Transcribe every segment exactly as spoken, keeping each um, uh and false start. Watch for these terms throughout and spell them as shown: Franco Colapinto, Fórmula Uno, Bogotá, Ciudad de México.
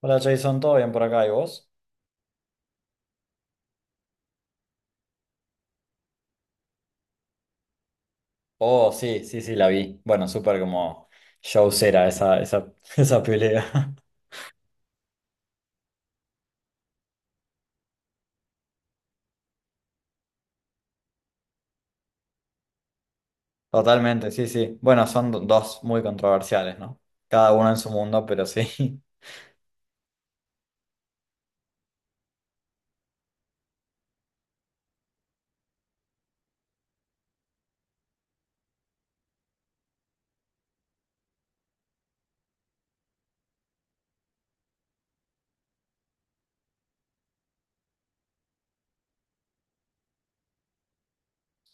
Hola Jason, ¿todo bien por acá? ¿Y vos? Oh, sí, sí, sí, la vi. Bueno, súper como showcera esa, esa, esa pelea. Totalmente, sí, sí. Bueno, son do- dos muy controversiales, ¿no? Cada uno en su mundo, pero sí.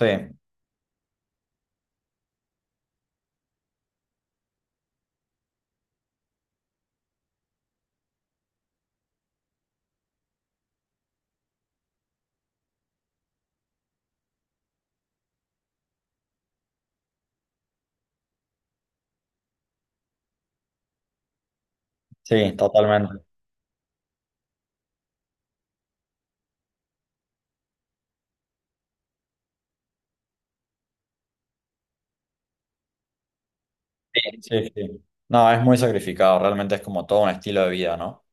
Sí, sí, totalmente. Sí, sí, sí. No, es muy sacrificado, realmente es como todo un estilo de vida, ¿no?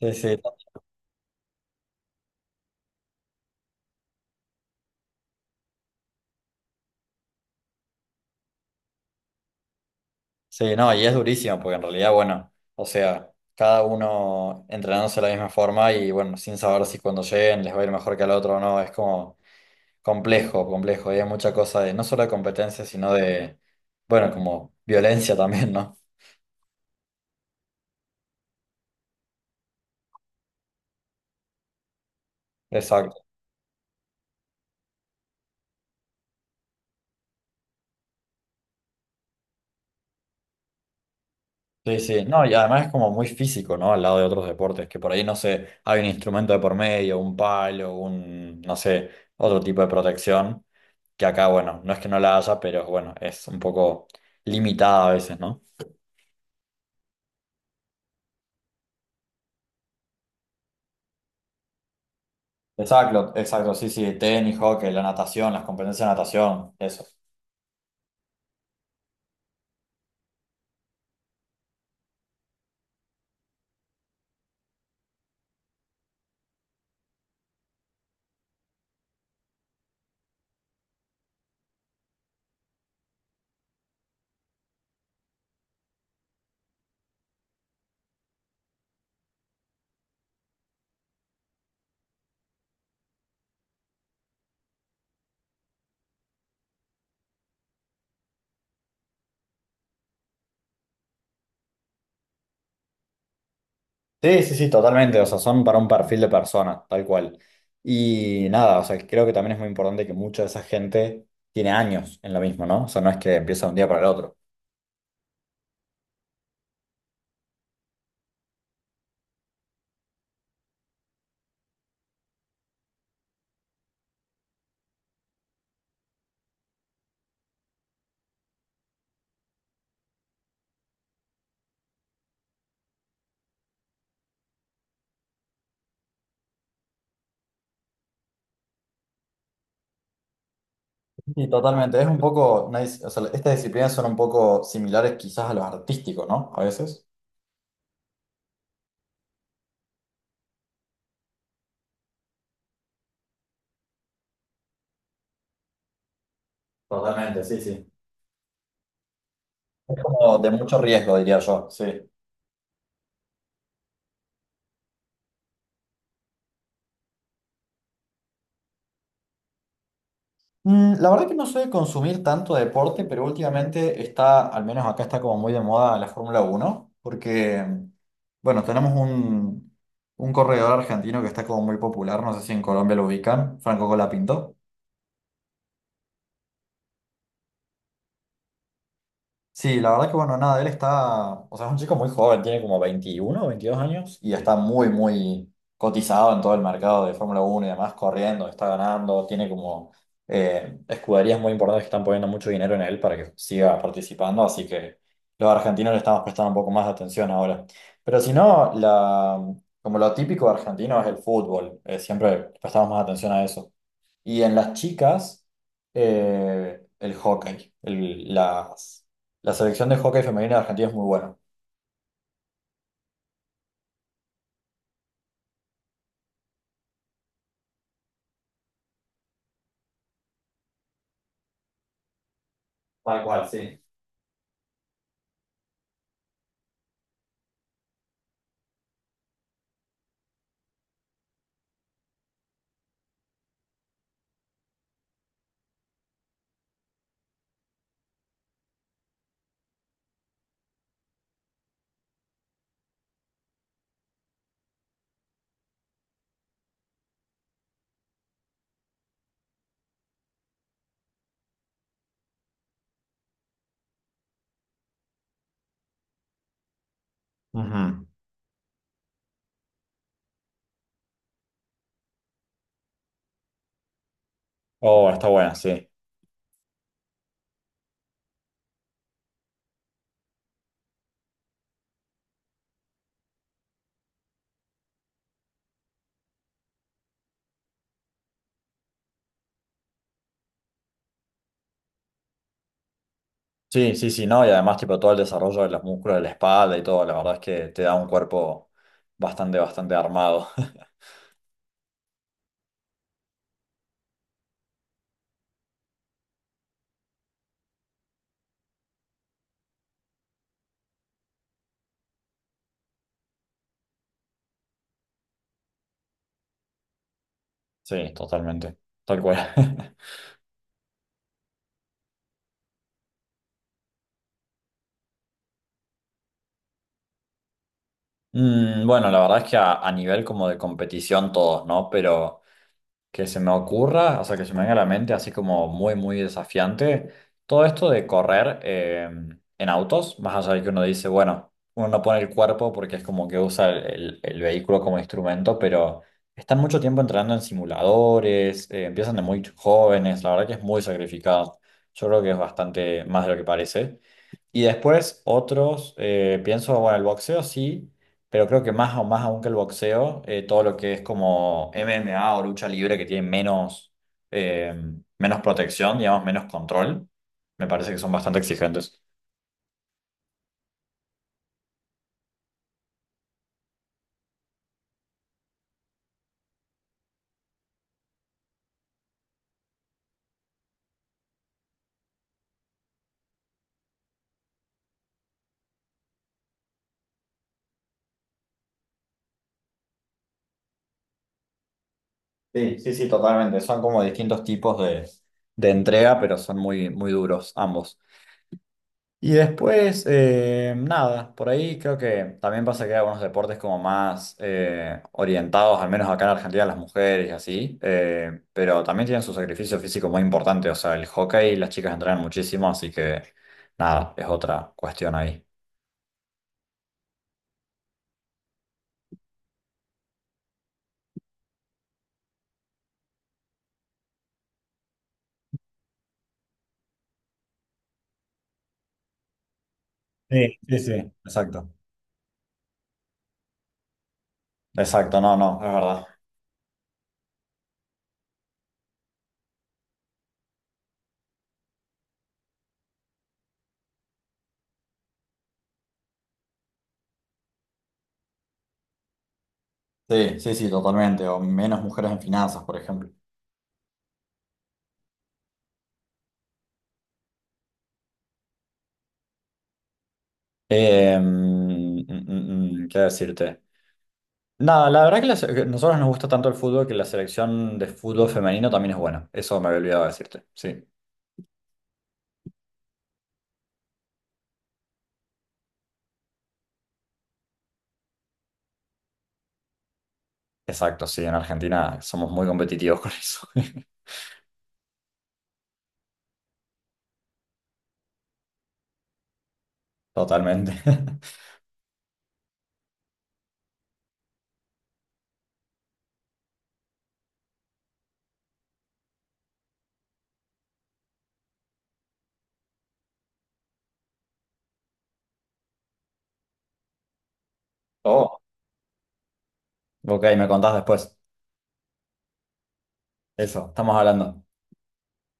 Sí, sí. Sí, no, y es durísimo porque en realidad, bueno, o sea, cada uno entrenándose de la misma forma y bueno, sin saber si cuando lleguen les va a ir mejor que al otro o no, es como complejo, complejo, y hay mucha cosa de no solo de competencia, sino de, bueno, como violencia también, ¿no? Exacto. Sí, sí, no, y además es como muy físico, ¿no? Al lado de otros deportes, que por ahí, no sé, hay un instrumento de por medio, un palo, un, no sé, otro tipo de protección, que acá, bueno, no es que no la haya, pero bueno, es un poco limitada a veces, ¿no? Exacto, exacto, sí, sí, tenis, hockey, la natación, las competencias de natación, eso. Sí, sí, sí, totalmente, o sea, son para un perfil de persona, tal cual. Y nada, o sea, creo que también es muy importante que mucha de esa gente tiene años en lo mismo, ¿no? O sea, no es que empieza de un día para el otro. Sí, totalmente. Es un poco, una dis- o sea, estas disciplinas son un poco similares quizás a lo artístico, ¿no? A veces. Totalmente, sí, sí. Es como de mucho riesgo, diría yo, sí. Mm, la verdad que no soy de consumir tanto deporte, pero últimamente está, al menos acá está como muy de moda la Fórmula Uno, porque, bueno, tenemos un, un corredor argentino que está como muy popular, no sé si en Colombia lo ubican, Franco Colapinto. Sí, la verdad que bueno, nada, él está, o sea, es un chico muy joven, tiene como veintiuno o veintidós años y está muy, muy cotizado en todo el mercado de Fórmula Uno y demás, corriendo, está ganando, tiene como eh, escuderías muy importantes que están poniendo mucho dinero en él para que siga participando, así que los argentinos le estamos prestando un poco más de atención ahora. Pero si no, la, como lo típico argentino es el fútbol, eh, siempre prestamos más atención a eso. Y en las chicas, eh, el hockey. El- las, la selección de hockey femenina de Argentina es muy buena. Tal cual, sí. Ujú. Oh, está buena, sí. Sí, sí, sí, no, y además tipo todo el desarrollo de los músculos de la espalda y todo, la verdad es que te da un cuerpo bastante, bastante armado. Sí, totalmente, tal cual. Mm, bueno, la verdad es que a, a nivel como de competición todos, ¿no? Pero que se me ocurra, o sea, que se me venga a la mente así como muy, muy desafiante, todo esto de correr eh, en autos, más allá de que uno dice, bueno, uno no pone el cuerpo porque es como que usa el, el- el vehículo como instrumento, pero están mucho tiempo entrenando en simuladores, eh, empiezan de muy jóvenes, la verdad que es muy sacrificado. Yo creo que es bastante más de lo que parece. Y después otros, eh, pienso, bueno, el boxeo sí, pero creo que más, o más aún que el boxeo, eh, todo lo que es como M M A o lucha libre que tiene menos, eh, menos protección, digamos, menos control, me parece que son bastante exigentes. Sí, sí, sí, totalmente. Son como distintos tipos de, de entrega, pero son muy, muy duros ambos. Y después, eh, nada, por ahí creo que también pasa que hay algunos deportes como más eh, orientados, al menos acá en Argentina, a las mujeres y así, eh, pero también tienen su sacrificio físico muy importante, o sea, el hockey las chicas entrenan muchísimo, así que nada, es otra cuestión ahí. Sí, sí, sí, exacto. Exacto, no, no, es verdad. Sí, sí, sí, totalmente, o menos mujeres en finanzas, por ejemplo. Eh, mm, mm, mm, mm, ¿qué decirte? Nada, la verdad que la se- que nosotros nos gusta tanto el fútbol que la selección de fútbol femenino también es buena. Eso me había olvidado decirte. Sí, exacto, sí, en Argentina somos muy competitivos con eso. Totalmente. Oh, ok, me contás después. Eso, estamos hablando.